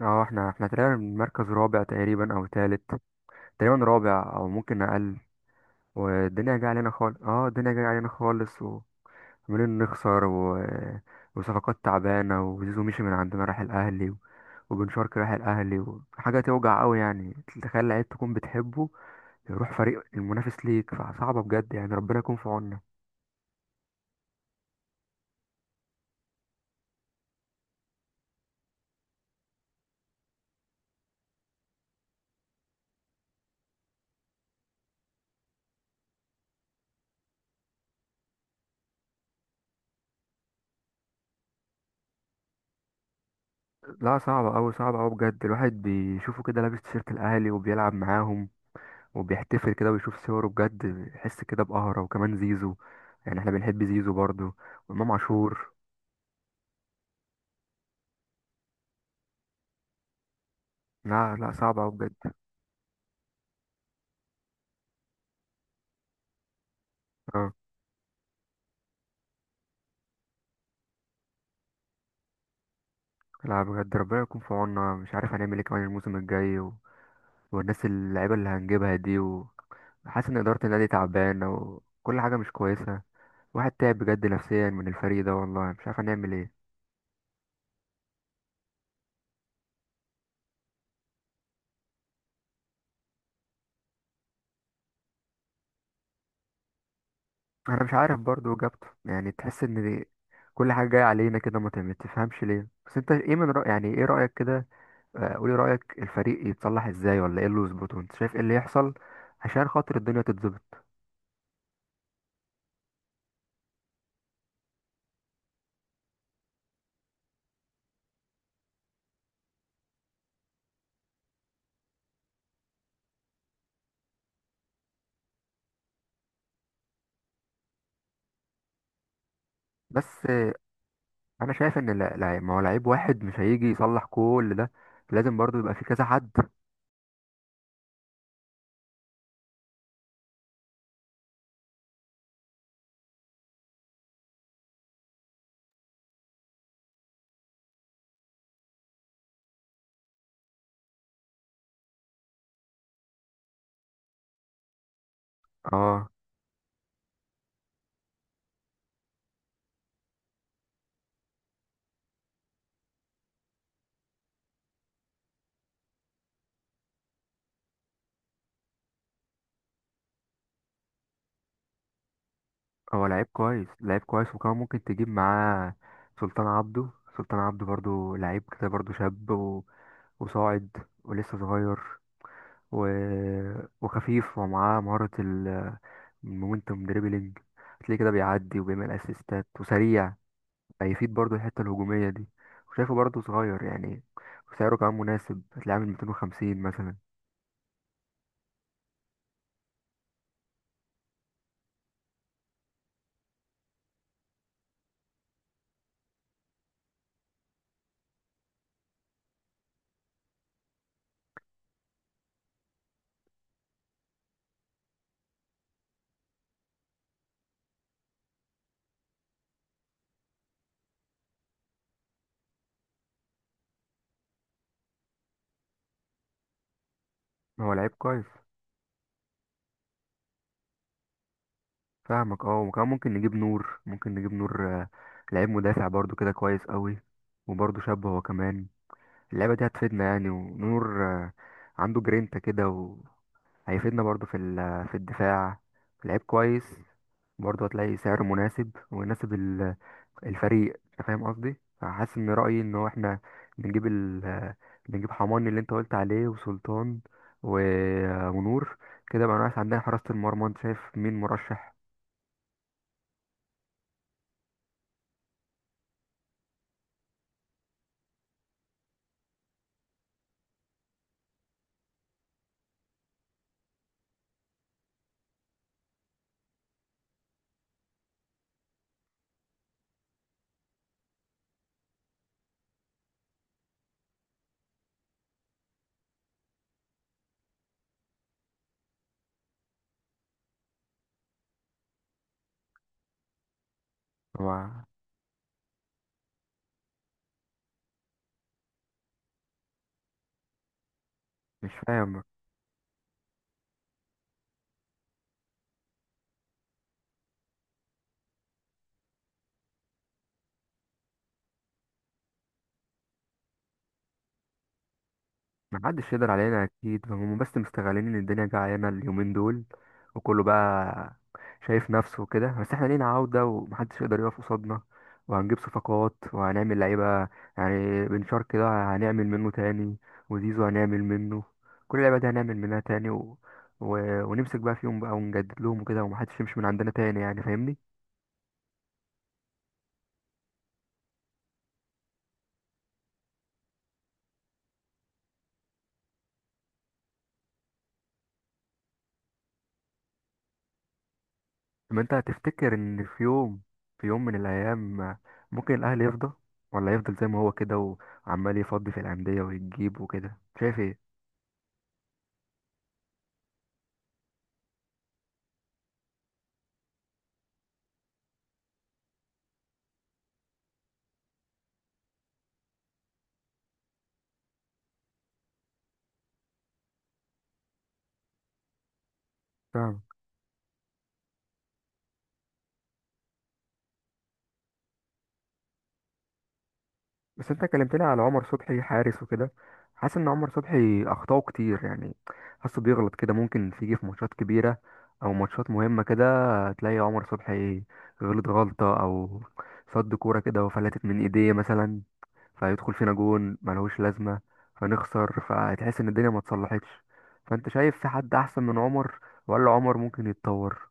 اه، احنا تقريبا مركز رابع، تقريبا او تالت. تقريبا رابع او ممكن اقل. والدنيا جايه علينا خالص، الدنيا جايه علينا خالص. وعمالين نخسر وصفقات تعبانه. وزيزو مشي من عندنا، راح الاهلي، وبن شرقي راح الاهلي. وحاجه توجع قوي يعني، تخيل لعيب تكون بتحبه يروح فريق المنافس ليك، فصعبه بجد يعني. ربنا يكون في عوننا. لا، صعبة أوي صعبة أوي بجد. الواحد بيشوفه كده لابس تيشيرت الأهلي وبيلعب معاهم وبيحتفل كده ويشوف صوره، بجد يحس كده بقهرة. وكمان زيزو، يعني احنا بنحب زيزو برضه، وإمام عاشور. لا، لا، صعب أوي بجد. اه. لا بجد، ربنا يكون في عوننا. مش عارف هنعمل ايه كمان الموسم الجاي، والناس اللعيبة اللي هنجيبها دي. وحاسس ان إدارة النادي تعبانة، وكل حاجة مش كويسة. واحد تعب بجد نفسيا من الفريق ده، والله مش عارف هنعمل ايه. انا مش عارف برضه جابته، يعني تحس ان دي كل حاجة جاية علينا كده، ما تفهمش ليه. بس انت ايه من رأي، يعني ايه رأيك كده؟ قولي رأيك، الفريق يتصلح ازاي ولا ايه اللي يظبطه؟ انت شايف ايه اللي يحصل عشان خاطر الدنيا تتظبط؟ بس انا شايف ان ما هو لعيب واحد مش هيجي يصلح كل ده. لازم برضو يبقى في كذا حد. اه. هو لعيب كويس، لعيب كويس، وكمان ممكن تجيب معاه سلطان عبده. سلطان عبده برضو لعيب كده، برضو شاب وصاعد، ولسه صغير، و... وخفيف، ومعاه مهارة المومنتوم دريبلينج. هتلاقيه كده بيعدي وبيعمل اسيستات وسريع. هيفيد برضو الحتة الهجومية دي. وشايفه برضو صغير يعني، وسعره كمان مناسب، هتلاقيه عامل 250 مثلا. هو لعيب كويس. فاهمك. اه، وكمان ممكن نجيب نور، لعيب مدافع برضو كده، كويس قوي، وبرضو شاب هو كمان. اللعبة دي هتفيدنا يعني. ونور عنده جرينتا كده، وهيفيدنا برضو في الدفاع. لعيب كويس، برضو هتلاقي سعره مناسب ويناسب الفريق. انت فاهم قصدي، فحاسس ان رأيي ان هو احنا بنجيب ال بنجيب حماني اللي انت قلت عليه، وسلطان، و... ونور. كده بقى ناقص عندنا حراسة المرمى، انت شايف مين مرشح؟ هو مش فاهم. ما حدش يقدر علينا اكيد. هم بس مستغلين ان الدنيا جعانه اليومين دول، وكله بقى شايف نفسه وكده. بس احنا لينا عوده، ومحدش يقدر يقف قصادنا. وهنجيب صفقات وهنعمل لعيبه، يعني بنشار كده هنعمل منه تاني، وزيزو هنعمل منه، كل اللعيبه دي هنعمل منها تاني، ونمسك بقى فيهم بقى، ونجدد لهم وكده، ومحدش يمشي من عندنا تاني، يعني فاهمني. ما انت هتفتكر ان في يوم، في يوم من الايام، ممكن الاهلي يفضى ولا يفضل زي ما هو كده، وعمال يفضي في الانديه ويجيب وكده؟ شايف؟ ايه. بس انت كلمتني على عمر صبحي حارس وكده، حاسس ان عمر صبحي اخطاؤه كتير يعني. حاسه بيغلط كده، ممكن تيجي في ماتشات كبيره او ماتشات مهمه كده، تلاقي عمر صبحي غلط غلطه، او صد كوره كده وفلتت من ايديه مثلا، فيدخل فينا جون ملهوش لازمه، فنخسر، فتحس ان الدنيا ما اتصلحتش. فانت شايف في حد احسن من عمر، ولا عمر ممكن يتطور؟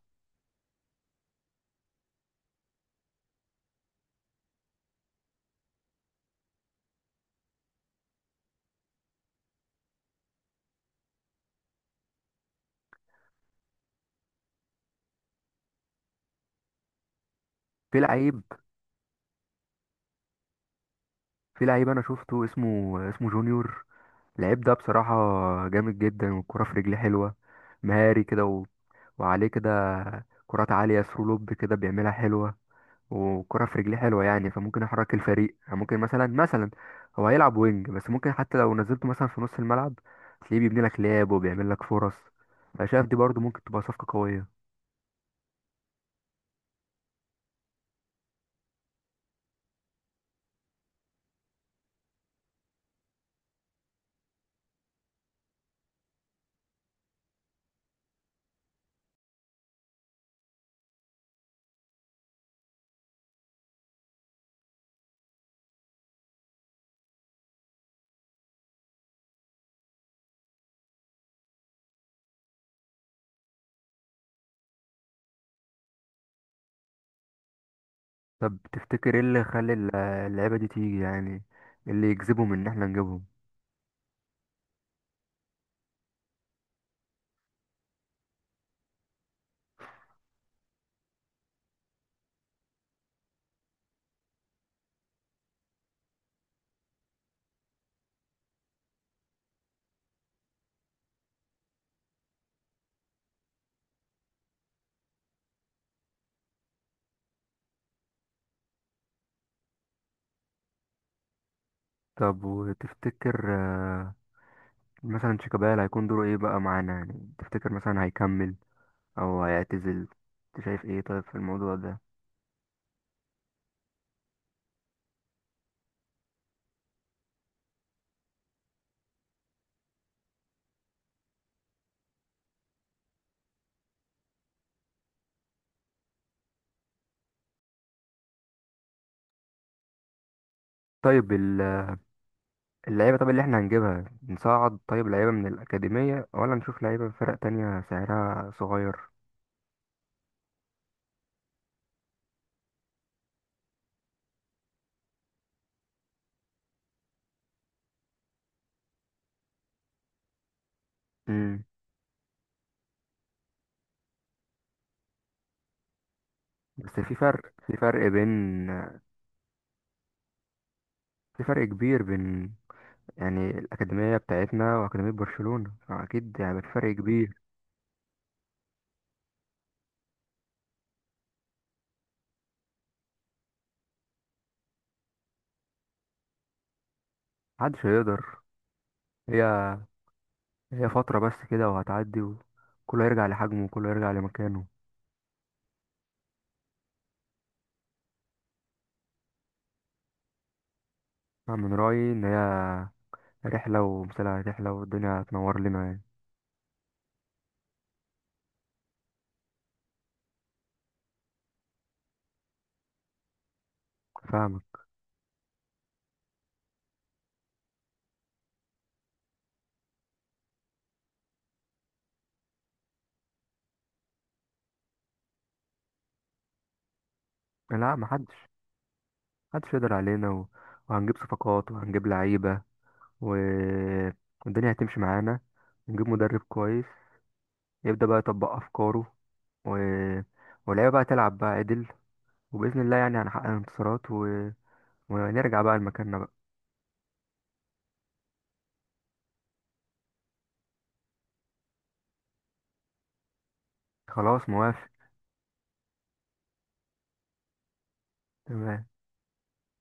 في لعيب في لعيب انا شفته، اسمه جونيور. لعيب ده بصراحة جامد جدا، والكرة في رجليه حلوة، مهاري كده وعليه كده كرات عالية، ثرو لوب كده بيعملها حلوة، وكرة في رجليه حلوة يعني. فممكن يحرك الفريق، يعني ممكن مثلا هو هيلعب وينج، بس ممكن حتى لو نزلته مثلا في نص الملعب، تلاقيه بيبني لك لعب وبيعمل لك فرص. فشايف دي برضه ممكن تبقى صفقة قوية. طب تفتكر ايه اللي يخلي اللعيبة دي تيجي يعني؟ إيه اللي يجذبهم ان احنا نجيبهم؟ طب، وتفتكر مثلا شيكابالا هيكون دوره ايه بقى معانا؟ يعني تفتكر مثلا هيكمل او هيعتزل؟ انت شايف ايه طيب في الموضوع ده؟ طيب اللعيبه، طب اللي احنا هنجيبها، نصعد طيب لعيبه من الاكاديميه ولا نشوف لعيبه من فرق تانية سعرها صغير؟ امم. بس في فرق بين، في فرق كبير بين يعني الاكاديميه بتاعتنا واكاديميه برشلونه، اكيد يعني في فرق كبير. محدش هيقدر. هي هي فتره بس كده، وهتعدي، وكله هيرجع لحجمه وكله هيرجع لمكانه. أنا من رأيي إن هي رحلة، ومثلها رحلة، والدنيا هتنور لنا يعني. فاهمك. لا، محدش يقدر علينا، وهنجيب صفقات وهنجيب لعيبة، و... والدنيا هتمشي معانا، ونجيب مدرب كويس يبدأ بقى يطبق أفكاره، و... واللعيبة بقى تلعب بقى عدل، وبإذن الله يعني هنحقق انتصارات، ونرجع بقى لمكاننا بقى. خلاص، موافق. تمام.